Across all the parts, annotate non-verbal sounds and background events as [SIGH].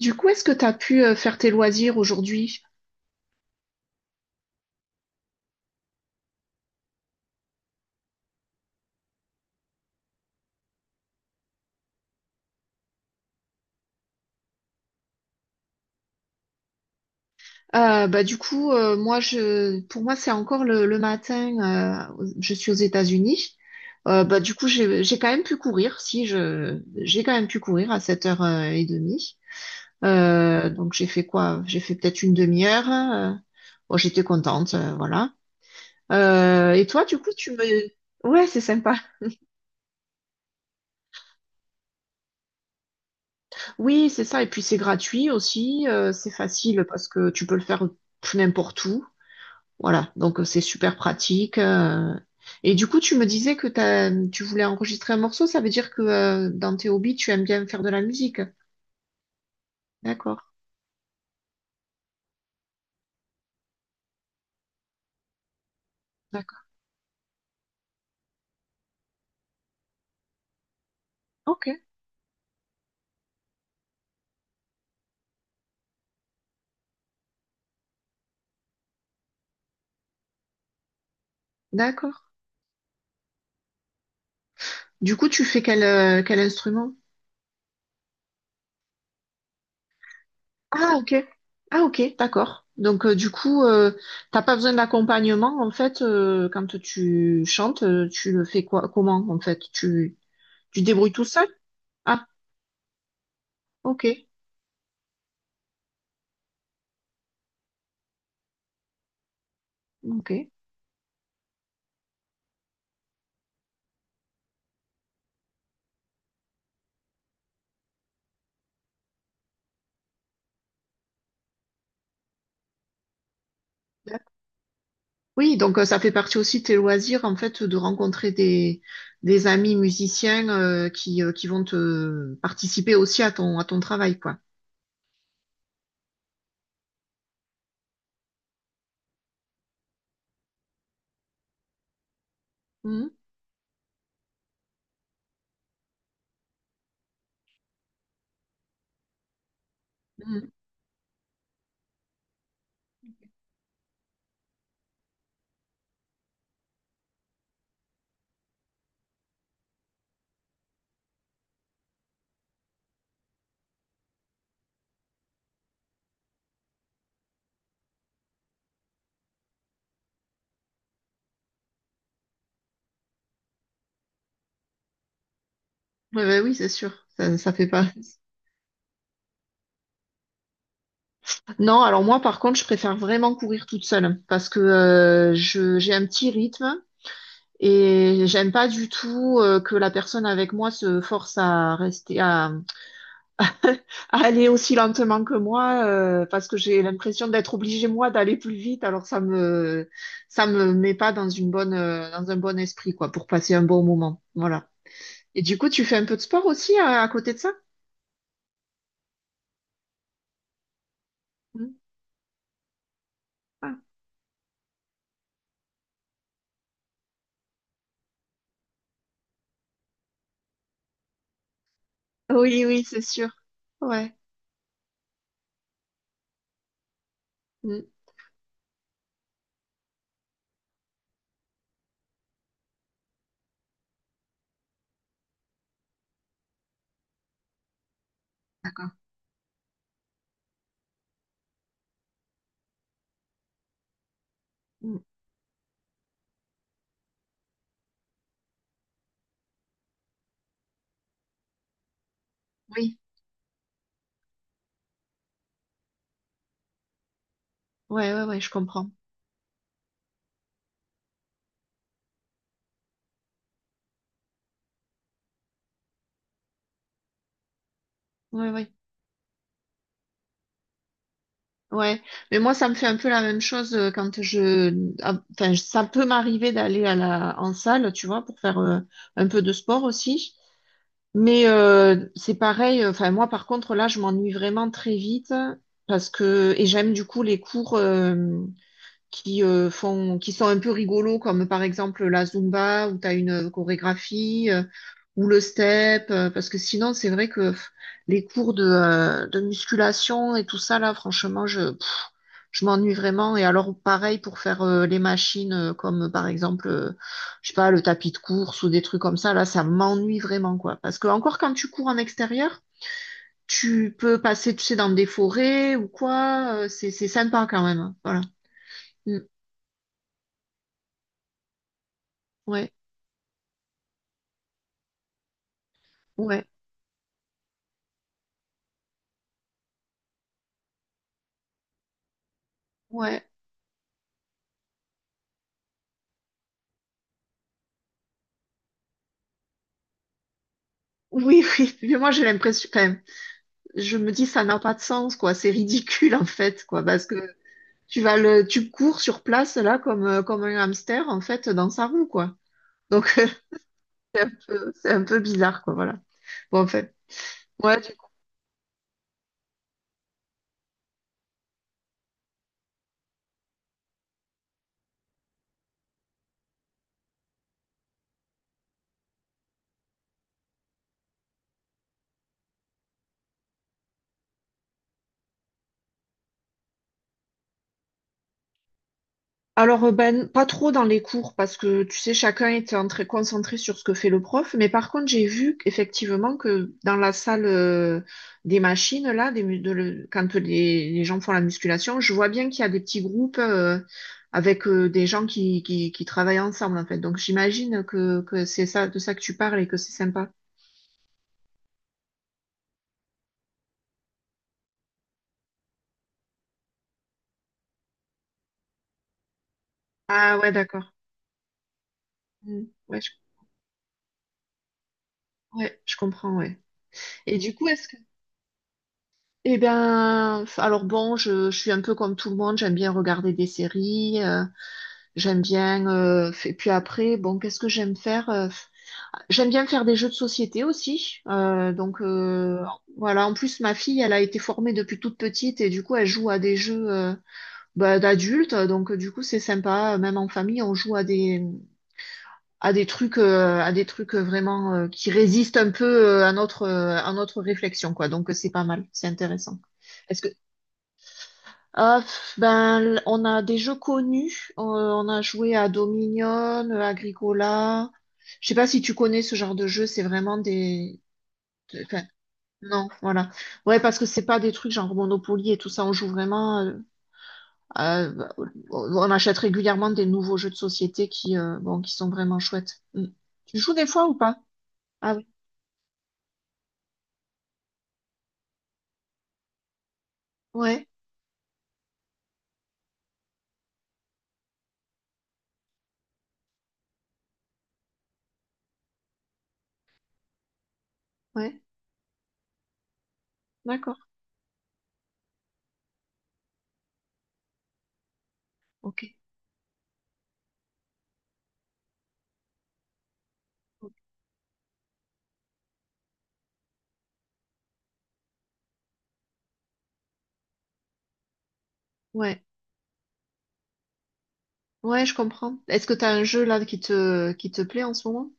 Du coup, est-ce que tu as pu faire tes loisirs aujourd'hui? Bah, du coup, moi, pour moi, c'est encore le matin. Je suis aux États-Unis. Bah, du coup, j'ai quand même pu courir. Si, j'ai quand même pu courir à sept heures 30. Donc, j'ai fait quoi? J'ai fait peut-être une demi-heure. Bon, j'étais contente, voilà. Et toi, du coup, tu me... Ouais, c'est sympa. Oui, c'est ça. Et puis, c'est gratuit aussi. C'est facile parce que tu peux le faire n'importe où. Voilà, donc c'est super pratique. Et du coup, tu me disais que tu voulais enregistrer un morceau, ça veut dire que dans tes hobbies, tu aimes bien faire de la musique. D'accord, d'accord. Ok, d'accord. Du coup, tu fais quel instrument? Ah, ok. Ah, ok, d'accord. Donc, du coup, t'as pas besoin d'accompagnement, en fait, quand tu chantes, tu le fais quoi, comment, en fait? Tu te débrouilles tout seul? Ah, ok, ok. Oui, donc ça fait partie aussi de tes loisirs, en fait, de rencontrer des amis musiciens, qui vont te participer aussi à ton travail, quoi. Mhm. Mhm. Ouais, ouais, oui, c'est sûr. Ça fait pas. Non, alors moi, par contre, je préfère vraiment courir toute seule parce que j'ai un petit rythme et j'aime pas du tout que la personne avec moi se force à rester, à aller aussi lentement que moi, parce que j'ai l'impression d'être obligée moi d'aller plus vite, alors ça me met pas dans une bonne dans un bon esprit quoi, pour passer un bon moment. Voilà. Et du coup, tu fais un peu de sport aussi, à côté de ça. Mm. Ah. Oui, oui, c'est sûr. Ouais. Mm. D'accord. Mm. Oui, ouais, ouais, ouais, je comprends. Ouais, ouais, ouais. Mais moi, ça me fait un peu la même chose, quand je ah, enfin ça peut m'arriver d'aller à la en salle, tu vois, pour faire un peu de sport aussi. Mais c'est pareil, enfin moi par contre là je m'ennuie vraiment très vite, parce que et j'aime du coup les cours qui sont un peu rigolos, comme par exemple la Zumba où tu as une chorégraphie, ou le step, parce que sinon c'est vrai que les cours de musculation et tout ça, là, franchement je m'ennuie vraiment. Et alors, pareil pour faire les machines, comme par exemple, je sais pas, le tapis de course ou des trucs comme ça, là, ça m'ennuie vraiment, quoi. Parce que encore, quand tu cours en extérieur, tu peux passer, tu sais, dans des forêts ou quoi, c'est sympa quand même, hein. Voilà. Mm. Ouais, ouais, ouais. Oui, [LAUGHS] oui. Mais moi, j'ai l'impression, enfin, je me dis, ça n'a pas de sens, quoi. C'est ridicule, en fait, quoi, parce que tu cours sur place, là, comme un hamster, en fait, dans sa roue, quoi. Donc, c'est un peu bizarre, quoi, voilà. Bon, en fait, ouais. du Alors, ben, pas trop dans les cours, parce que, tu sais, chacun était en très concentré sur ce que fait le prof, mais par contre, j'ai vu effectivement que dans la salle des machines, là, des, mu- de le- quand les gens font la musculation, je vois bien qu'il y a des petits groupes, avec des gens qui travaillent ensemble, en fait. Donc, j'imagine que c'est ça, de ça que tu parles et que c'est sympa. Ah ouais, d'accord. Mm. Ouais, ouais, je comprends, ouais. Et du coup, est-ce Eh bien, alors bon, je suis un peu comme tout le monde, j'aime bien regarder des séries, j'aime bien, et puis après, bon, qu'est-ce que j'aime faire? J'aime bien faire des jeux de société aussi. Donc, voilà, en plus ma fille, elle a été formée depuis toute petite et du coup elle joue à des jeux, bah, d'adultes. Donc du coup c'est sympa, même en famille, on joue à des trucs, à des trucs vraiment, qui résistent un peu, à notre réflexion, quoi. Donc c'est pas mal, c'est intéressant. Est-ce que Ah, ben, on a des jeux connus. On a joué à Dominion, Agricola. Je sais pas si tu connais ce genre de jeu. C'est vraiment des. Enfin, non, voilà. Ouais, parce que c'est pas des trucs genre Monopoly et tout ça. On joue vraiment, à- on achète régulièrement des nouveaux jeux de société, bon, qui sont vraiment chouettes. Mm. Tu joues des fois ou pas? Ah oui. Ouais, ouais. D'accord. Ok. Ouais. Ouais, je comprends. Est-ce que t'as un jeu là qui te plaît en ce moment?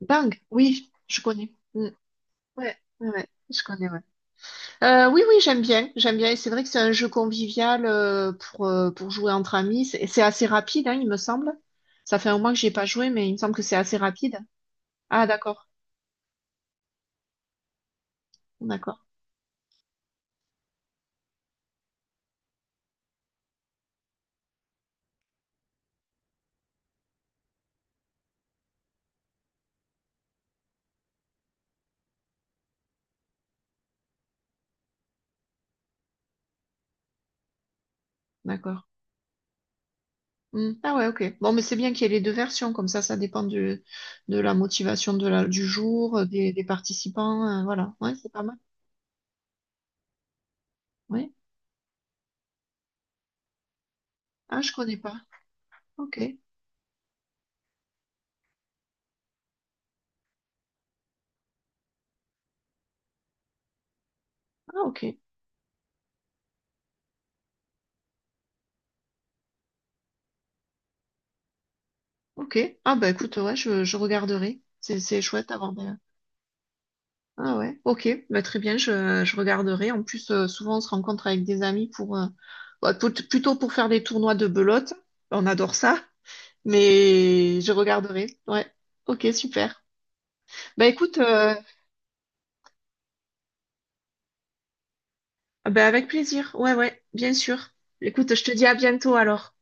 Bang, oui, je connais. Mm. Ouais, ouais, ouais, je connais, ouais. Oui, oui, j'aime bien, j'aime bien. Et c'est vrai que c'est un jeu convivial, pour jouer entre amis. C'est assez rapide, hein, il me semble. Ça fait un mois que j'y ai pas joué, mais il me semble que c'est assez rapide. Ah, d'accord, d'accord, d'accord. Mm. Ah ouais, ok. Bon, mais c'est bien qu'il y ait les deux versions, comme ça dépend de la motivation de du jour, des participants. Voilà, ouais, c'est pas mal. Ouais. Ah, je connais pas. Ok. Ah, ok. Ok. Ah bah écoute, ouais, je regarderai. C'est chouette d'avoir des... Ah ouais, ok, bah très bien, je regarderai. En plus, souvent on se rencontre avec des amis pour bah, plutôt pour faire des tournois de belote. On adore ça, mais je regarderai. Ouais, ok, super. Bah écoute, bah avec plaisir. Ouais, ouais, bien sûr. Écoute, je te dis à bientôt alors.